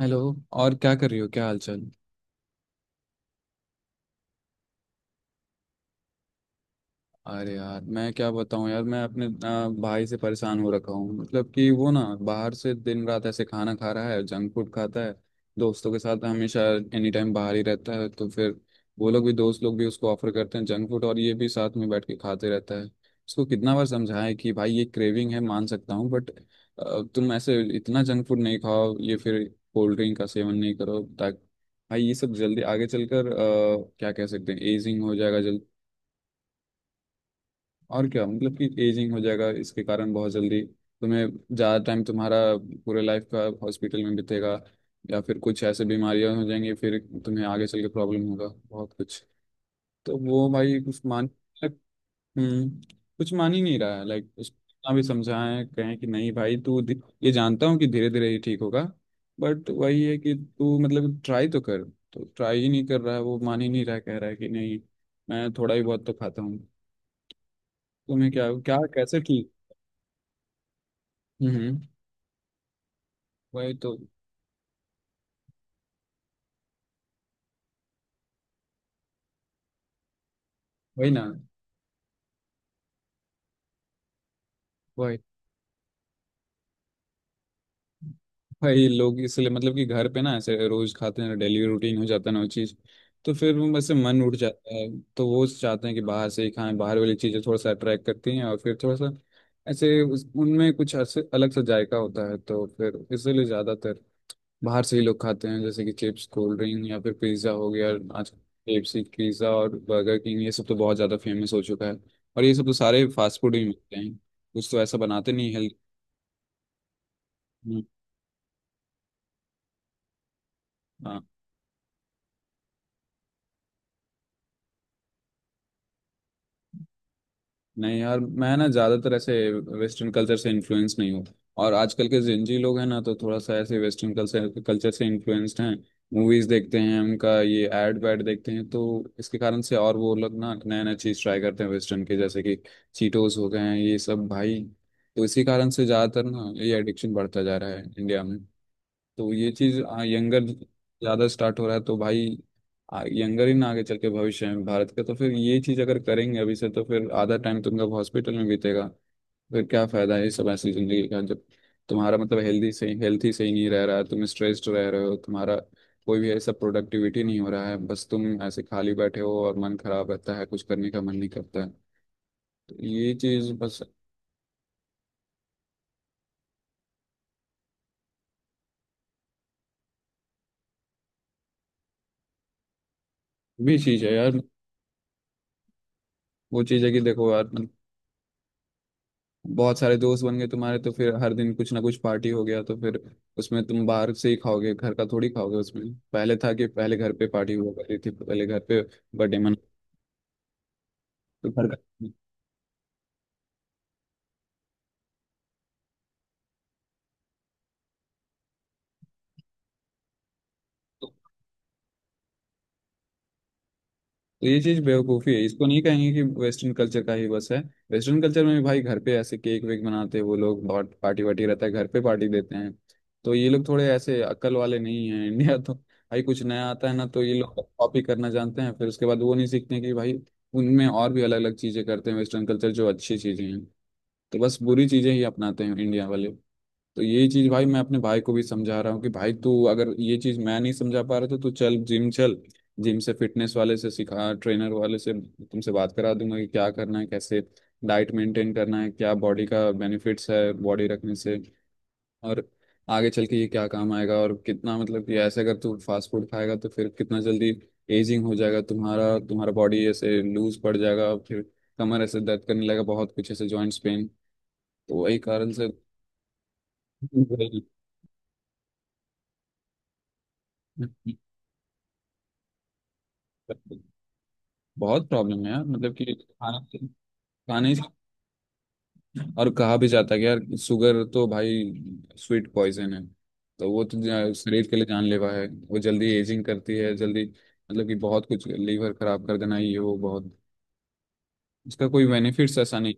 Hello. और क्या कर रही हो? क्या हाल चाल? अरे यार, मैं क्या बताऊं यार, मैं अपने भाई से परेशान हो रखा हूँ। मतलब कि वो ना बाहर से दिन रात ऐसे खाना खा रहा है, जंक फूड खाता है दोस्तों के साथ हमेशा। एनी टाइम बाहर ही रहता है, तो फिर वो लोग भी, दोस्त लोग भी उसको ऑफर करते हैं जंक फूड, और ये भी साथ में बैठ के खाते रहता है। उसको कितना बार समझाएं कि भाई ये क्रेविंग है मान सकता हूँ, बट तुम ऐसे इतना जंक फूड नहीं खाओ, ये फिर कोल्ड ड्रिंक का सेवन नहीं करो, ताकि भाई ये सब जल्दी आगे चलकर क्या कह सकते हैं, एजिंग हो जाएगा। और क्या, मतलब कि एजिंग हो जाएगा इसके कारण बहुत जल्दी। तुम्हें ज़्यादा टाइम तुम्हारा, पूरे लाइफ का हॉस्पिटल में बीतेगा, या फिर कुछ ऐसे बीमारियां हो जाएंगी फिर। तुम्हें आगे चल के प्रॉब्लम होगा बहुत कुछ। तो वो भाई कुछ मान। हम्म। कुछ मान ही नहीं रहा है, लाइक उसको कितना भी समझाएं, कहें कि नहीं भाई तू ये जानता हूँ कि धीरे धीरे ही ठीक होगा, बट वही है कि तू मतलब ट्राई तो कर। तो ट्राई ही नहीं कर रहा है, वो मान ही नहीं रहा है, कह रहा है कि नहीं मैं थोड़ा ही बहुत तो खाता हूँ, तुम्हें क्या क्या, कैसे ठीक? हम्म। वही तो। वही ना। वही। भाई लोग इसलिए मतलब कि घर पे ना ऐसे रोज खाते हैं, डेली रूटीन हो जाता है ना वो चीज, तो फिर वो वैसे मन उठ जाता है। तो वो चाहते हैं कि बाहर से ही खाएं। बाहर वाली चीजें थोड़ा सा अट्रैक्ट करती हैं, और फिर थोड़ा सा ऐसे उनमें कुछ ऐसे अलग सा जायका होता है, तो फिर इसलिए ज्यादातर बाहर से ही लोग खाते हैं, जैसे कि चिप्स, कोल्ड ड्रिंक, या फिर पिज्ज़ा हो गया। आज केएफसी, पिज्ज़ा और बर्गर किंग ये सब तो बहुत ज़्यादा फेमस हो चुका है। और ये सब तो सारे फास्ट फूड ही मिलते हैं, कुछ तो ऐसा बनाते नहीं। हेल्थ। नहीं यार, मैं ना ज्यादातर ऐसे वेस्टर्न कल्चर से इन्फ्लुएंस नहीं हूँ। और आजकल के जिंजी लोग हैं ना, तो थोड़ा सा ऐसे वेस्टर्न कल्चर कल्चर से इन्फ्लुएंस्ड हैं। मूवीज देखते हैं, उनका ये एड वैड देखते हैं, तो इसके कारण से। और वो लोग ना नया नया चीज ट्राई करते हैं वेस्टर्न के, जैसे कि चीटोस हो गए हैं ये सब भाई। तो इसी कारण से ज्यादातर ना ये एडिक्शन बढ़ता जा रहा है इंडिया में। तो ये चीज यंगर ज्यादा स्टार्ट हो रहा है तो भाई, यंगर ही ना आगे चल के भविष्य में भारत का, तो फिर ये चीज अगर करेंगे अभी से, तो फिर आधा टाइम तुमका हॉस्पिटल में बीतेगा। फिर क्या फायदा है ये सब ऐसी जिंदगी का, जब तुम्हारा मतलब हेल्दी सही, हेल्थी सही नहीं रह रहा है, तुम स्ट्रेस्ड रह रहे हो, तुम्हारा कोई भी ऐसा प्रोडक्टिविटी नहीं हो रहा है, बस तुम ऐसे खाली बैठे हो और मन खराब रहता है, कुछ करने का मन नहीं करता है। तो ये चीज बस। भी चीज है यार। वो चीज है कि देखो यार, बहुत सारे दोस्त बन गए तुम्हारे, तो फिर हर दिन कुछ ना कुछ पार्टी हो गया, तो फिर उसमें तुम बाहर से ही खाओगे, घर का थोड़ी खाओगे। उसमें पहले था कि पहले घर पे पार्टी हुआ करती थी, पहले घर पे बर्थडे मना। तो घर का। तो ये चीज बेवकूफ़ी है, इसको नहीं कहेंगे कि वेस्टर्न कल्चर का ही बस है। वेस्टर्न कल्चर में भी भाई घर पे ऐसे केक वेक बनाते हैं वो लोग, बहुत पार्टी वार्टी रहता है, घर पे पार्टी देते हैं। तो ये लोग थोड़े ऐसे अक्ल वाले नहीं हैं इंडिया। तो भाई कुछ नया आता है ना, तो ये लोग कॉपी करना जानते हैं, फिर उसके बाद वो नहीं सीखते कि भाई उनमें और भी अलग अलग चीजें करते हैं वेस्टर्न कल्चर, जो अच्छी चीजें हैं। तो बस बुरी चीजें ही अपनाते हैं इंडिया वाले। तो यही चीज भाई मैं अपने भाई को भी समझा रहा हूँ कि भाई तू अगर ये चीज मैं नहीं समझा पा रहा था, तो चल जिम चल। जिम से फिटनेस वाले से सिखा, ट्रेनर वाले से तुमसे बात करा दूंगा कि क्या करना है, कैसे डाइट मेंटेन करना है, क्या बॉडी का बेनिफिट्स है बॉडी रखने से, और आगे चल के ये क्या काम आएगा। और कितना, मतलब कि ऐसे अगर तू फास्ट फूड खाएगा, तो फिर कितना जल्दी एजिंग हो जाएगा तुम्हारा तुम्हारा बॉडी ऐसे लूज पड़ जाएगा, फिर कमर ऐसे दर्द करने लगेगा, बहुत कुछ ऐसे जॉइंट्स पेन। तो वही कारण से। बहुत प्रॉब्लम है यार, मतलब कि खाना खाने ही- और कहा भी जाता है कि यार शुगर तो भाई स्वीट पॉइजन है। तो वो तो शरीर के लिए जानलेवा है। वो जल्दी एजिंग करती है, जल्दी मतलब कि बहुत कुछ, लीवर खराब कर देना, ये वो बहुत। इसका कोई बेनिफिट्स ऐसा नहीं।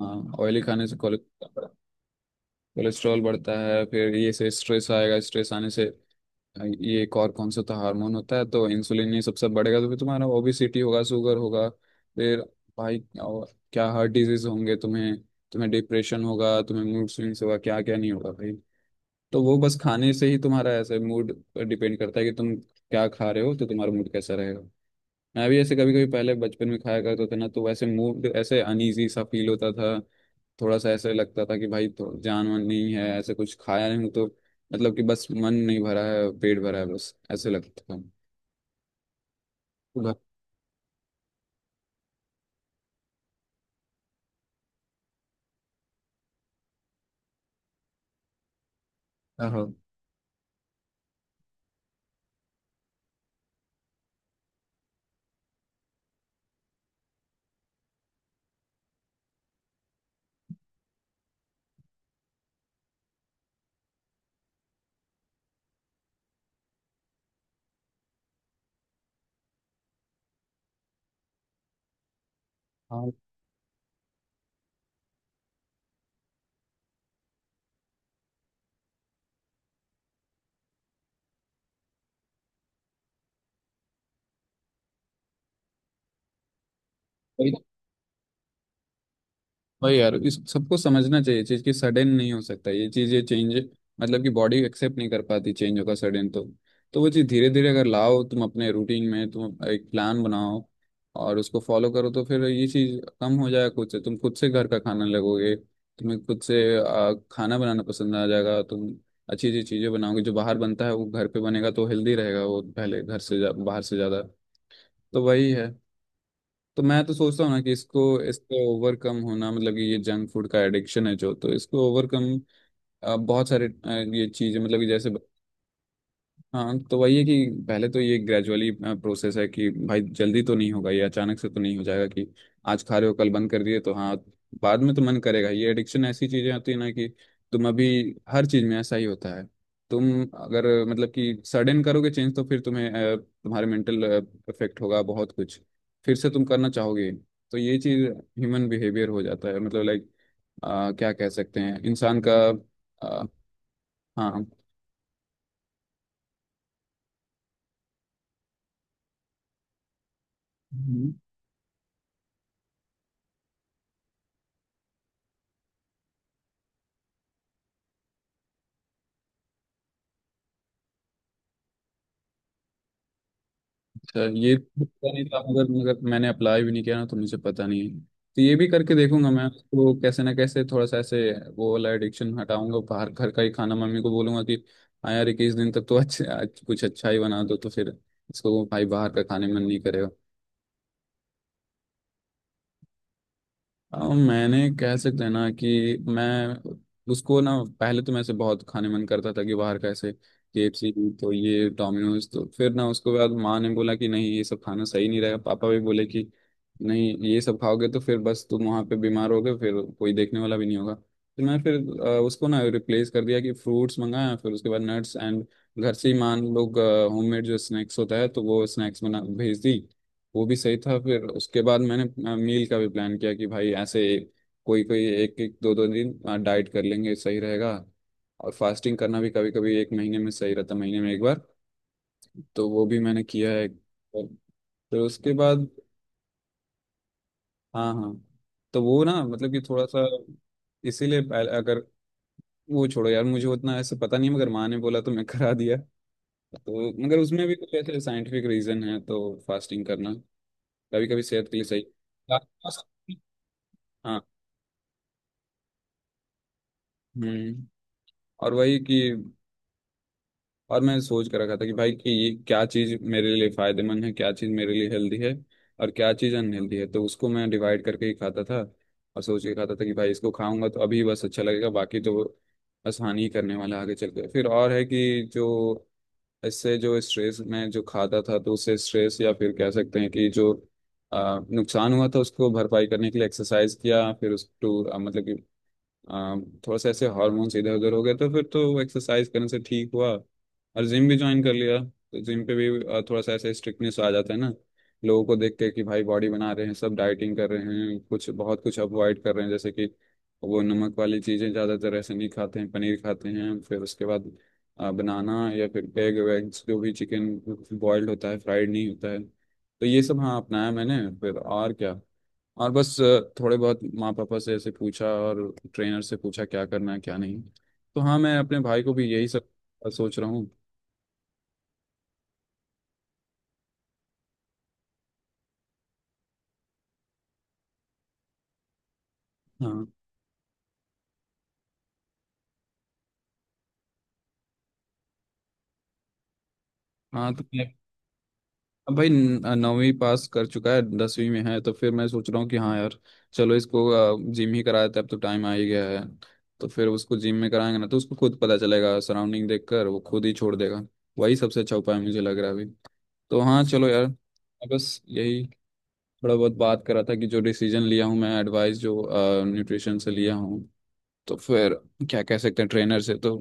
हाँ, ऑयली खाने से कोलेस्ट्रॉल बढ़ता है, फिर ये से स्ट्रेस आएगा, स्ट्रेस आने से ये एक और कौन सा तो हार्मोन होता है, तो इंसुलिन ये सबसे बढ़ेगा। तो फिर तुम्हारा ओबेसिटी होगा, शुगर होगा, फिर भाई और क्या, हार्ट डिजीज होंगे तुम्हें, तुम्हें डिप्रेशन होगा, तुम्हें मूड स्विंग्स होगा, क्या क्या नहीं होगा भाई। तो वो बस खाने से ही तुम्हारा ऐसे मूड पर डिपेंड करता है कि तुम क्या खा रहे हो, तो तुम्हारा मूड कैसा रहेगा। मैं भी ऐसे कभी कभी पहले बचपन में खाया करता था ना, तो वैसे मूड ऐसे अनईजी सा फील होता था। थोड़ा सा ऐसे लगता था कि भाई तो जान वान नहीं है, ऐसे कुछ खाया नहीं हूं, तो मतलब कि बस मन नहीं भरा है, पेट भरा है, बस ऐसे लगता था। तो घर- हाँ, हाँ, हाँ। वही यार, इस सबको समझना चाहिए चीज कि सडन नहीं हो सकता ये चीज ये चेंज। मतलब कि बॉडी एक्सेप्ट नहीं कर पाती चेंज होगा सडन तो। तो वो चीज धीरे धीरे अगर लाओ तुम अपने रूटीन में, तुम एक प्लान बनाओ और उसको फॉलो करो, तो फिर ये चीज कम हो जाएगा खुद से। तुम खुद से घर का खाना लगोगे, तुम्हें खुद से खाना बनाना पसंद आ जाएगा। तुम अच्छी अच्छी चीजें बनाओगे, जो बाहर बनता है वो घर पे बनेगा तो हेल्दी रहेगा, वो पहले घर से बाहर से ज्यादा। तो वही है। तो मैं तो सोचता हूँ ना कि इसको इसको ओवरकम होना, मतलब कि ये जंक फूड का एडिक्शन है जो, तो इसको ओवरकम बहुत सारे ये चीजें, मतलब कि जैसे। हाँ, तो वही है कि पहले तो ये ग्रेजुअली प्रोसेस है कि भाई जल्दी तो नहीं होगा, ये अचानक से तो नहीं हो जाएगा कि आज खा रहे हो कल बंद कर दिए, तो हाँ बाद में तो मन करेगा। ये एडिक्शन ऐसी चीजें होती है ना कि तुम अभी, हर चीज में ऐसा ही होता है। तुम अगर मतलब कि सडन करोगे चेंज, तो फिर तुम्हें तुम्हारे मेंटल इफेक्ट होगा बहुत कुछ, फिर से तुम करना चाहोगे। तो ये चीज ह्यूमन बिहेवियर हो जाता है, मतलब लाइक क्या कह सकते हैं इंसान का। अ, हाँ। अच्छा, ये तो पता नहीं था, अगर मगर मैंने अप्लाई भी नहीं किया ना, तो मुझे पता नहीं है। तो ये भी करके देखूंगा मैं उसको कैसे ना कैसे थोड़ा सा ऐसे वो वाला एडिक्शन हटाऊंगा बाहर, घर का ही खाना मम्मी को बोलूंगा कि हाँ यार, 21 दिन तक तो अच्छे, आज कुछ अच्छा ही बना दो, तो फिर इसको भाई बाहर का खाने मन नहीं करेगा। मैंने कह सकते हैं ना कि मैं उसको ना पहले तो मैं से बहुत खाने मन करता था कि बाहर कैसे केएफसी, तो ये डोमिनोज, तो फिर ना उसके बाद माँ ने बोला कि नहीं ये सब खाना सही नहीं रहेगा, पापा भी बोले कि नहीं ये सब खाओगे तो फिर बस तुम वहाँ पे बीमार होगे, फिर कोई देखने वाला भी नहीं होगा। तो मैं फिर उसको ना रिप्लेस कर दिया कि फ्रूट्स मंगाया, फिर उसके बाद नट्स एंड घर से ही मान लोग होममेड जो स्नैक्स होता है, तो वो स्नैक्स बना भेज दी। वो भी सही था, फिर उसके बाद मैंने मील का भी प्लान किया कि भाई ऐसे कोई कोई एक एक दो दो दिन डाइट कर लेंगे सही रहेगा। और फास्टिंग करना भी कभी कभी, एक महीने में सही रहता, महीने में एक बार। तो वो भी मैंने किया है, और फिर उसके बाद, हाँ, हाँ। तो वो ना मतलब कि थोड़ा सा इसीलिए अगर। वो छोड़ो यार, मुझे उतना ऐसे पता नहीं, मगर माँ ने बोला तो मैं करा दिया। तो मगर उसमें भी कुछ ऐसे साइंटिफिक रीजन है, तो फास्टिंग करना कभी कभी सेहत के लिए सही। हाँ। हम्म। और वही कि, और मैं सोच कर रखा था कि भाई कि ये क्या चीज मेरे लिए फायदेमंद है, क्या चीज मेरे लिए हेल्दी है, और क्या चीज अनहेल्दी है, तो उसको मैं डिवाइड करके ही खाता था। और सोच के खाता था कि भाई इसको खाऊंगा तो अभी बस अच्छा लगेगा, बाकी तो बस हानि ही करने वाला है आगे चल के। फिर और है कि जो इससे जो स्ट्रेस में जो खाता था तो उससे स्ट्रेस, या फिर कह सकते हैं कि जो नुकसान हुआ था उसको भरपाई करने के लिए एक्सरसाइज किया, फिर उस टू मतलब कि अम, थोड़ा सा ऐसे हार्मोन्स इधर उधर हो गए, तो फिर तो एक्सरसाइज करने से ठीक हुआ। और जिम भी ज्वाइन कर लिया, तो जिम पे भी थोड़ा सा ऐसे स्ट्रिक्टनेस आ जाता है ना, लोगों को देख के कि भाई बॉडी बना रहे हैं सब, डाइटिंग कर रहे हैं, कुछ बहुत कुछ अवॉइड कर रहे हैं, जैसे कि वो नमक वाली चीज़ें ज़्यादातर ऐसे नहीं खाते हैं, पनीर खाते हैं, फिर उसके बाद बनाना, या फिर एग वेग्स, जो भी चिकन बॉइल्ड होता है, फ्राइड नहीं होता है, तो ये सब हाँ अपनाया मैंने, फिर और क्या। और बस थोड़े बहुत माँ पापा से ऐसे पूछा और ट्रेनर से पूछा क्या करना है क्या नहीं। तो हाँ मैं अपने भाई को भी यही सब सोच रहा हूँ। हाँ, हाँ। तो मैं, अब भाई 9वीं पास कर चुका है, 10वीं में है, तो फिर मैं सोच रहा हूँ कि हाँ यार, चलो इसको जिम ही करा देते हैं, अब तो टाइम आ ही गया है। तो फिर उसको जिम में कराएंगे ना, तो उसको खुद पता चलेगा, सराउंडिंग देखकर वो खुद ही छोड़ देगा। वही सबसे अच्छा उपाय मुझे लग रहा है अभी। तो हाँ चलो यार, बस यही। थोड़ा बहुत बात करा था कि जो डिसीजन लिया हूँ, मैं एडवाइस जो न्यूट्रिशन से लिया हूँ, तो फिर क्या कह सकते हैं ट्रेनर से, तो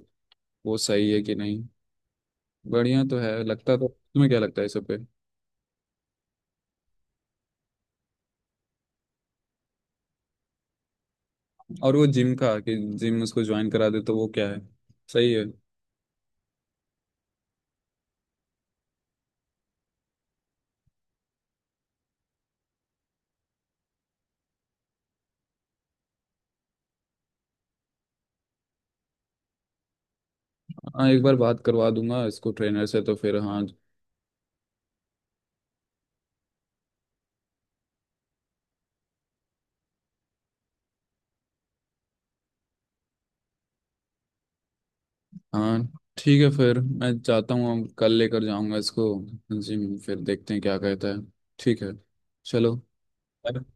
वो सही है कि नहीं, बढ़िया तो है लगता तो? तुम्हें क्या लगता है इस सब पे? और वो जिम का, कि जिम उसको ज्वाइन करा दे, तो वो क्या है सही है? हाँ, एक बार बात करवा दूंगा इसको ट्रेनर से तो फिर, हाँ, हाँ। ठीक है फिर मैं जाता हूँ, अब कल लेकर जाऊंगा इसको जिम, फिर देखते हैं क्या कहता है। ठीक है। चलो। बाय।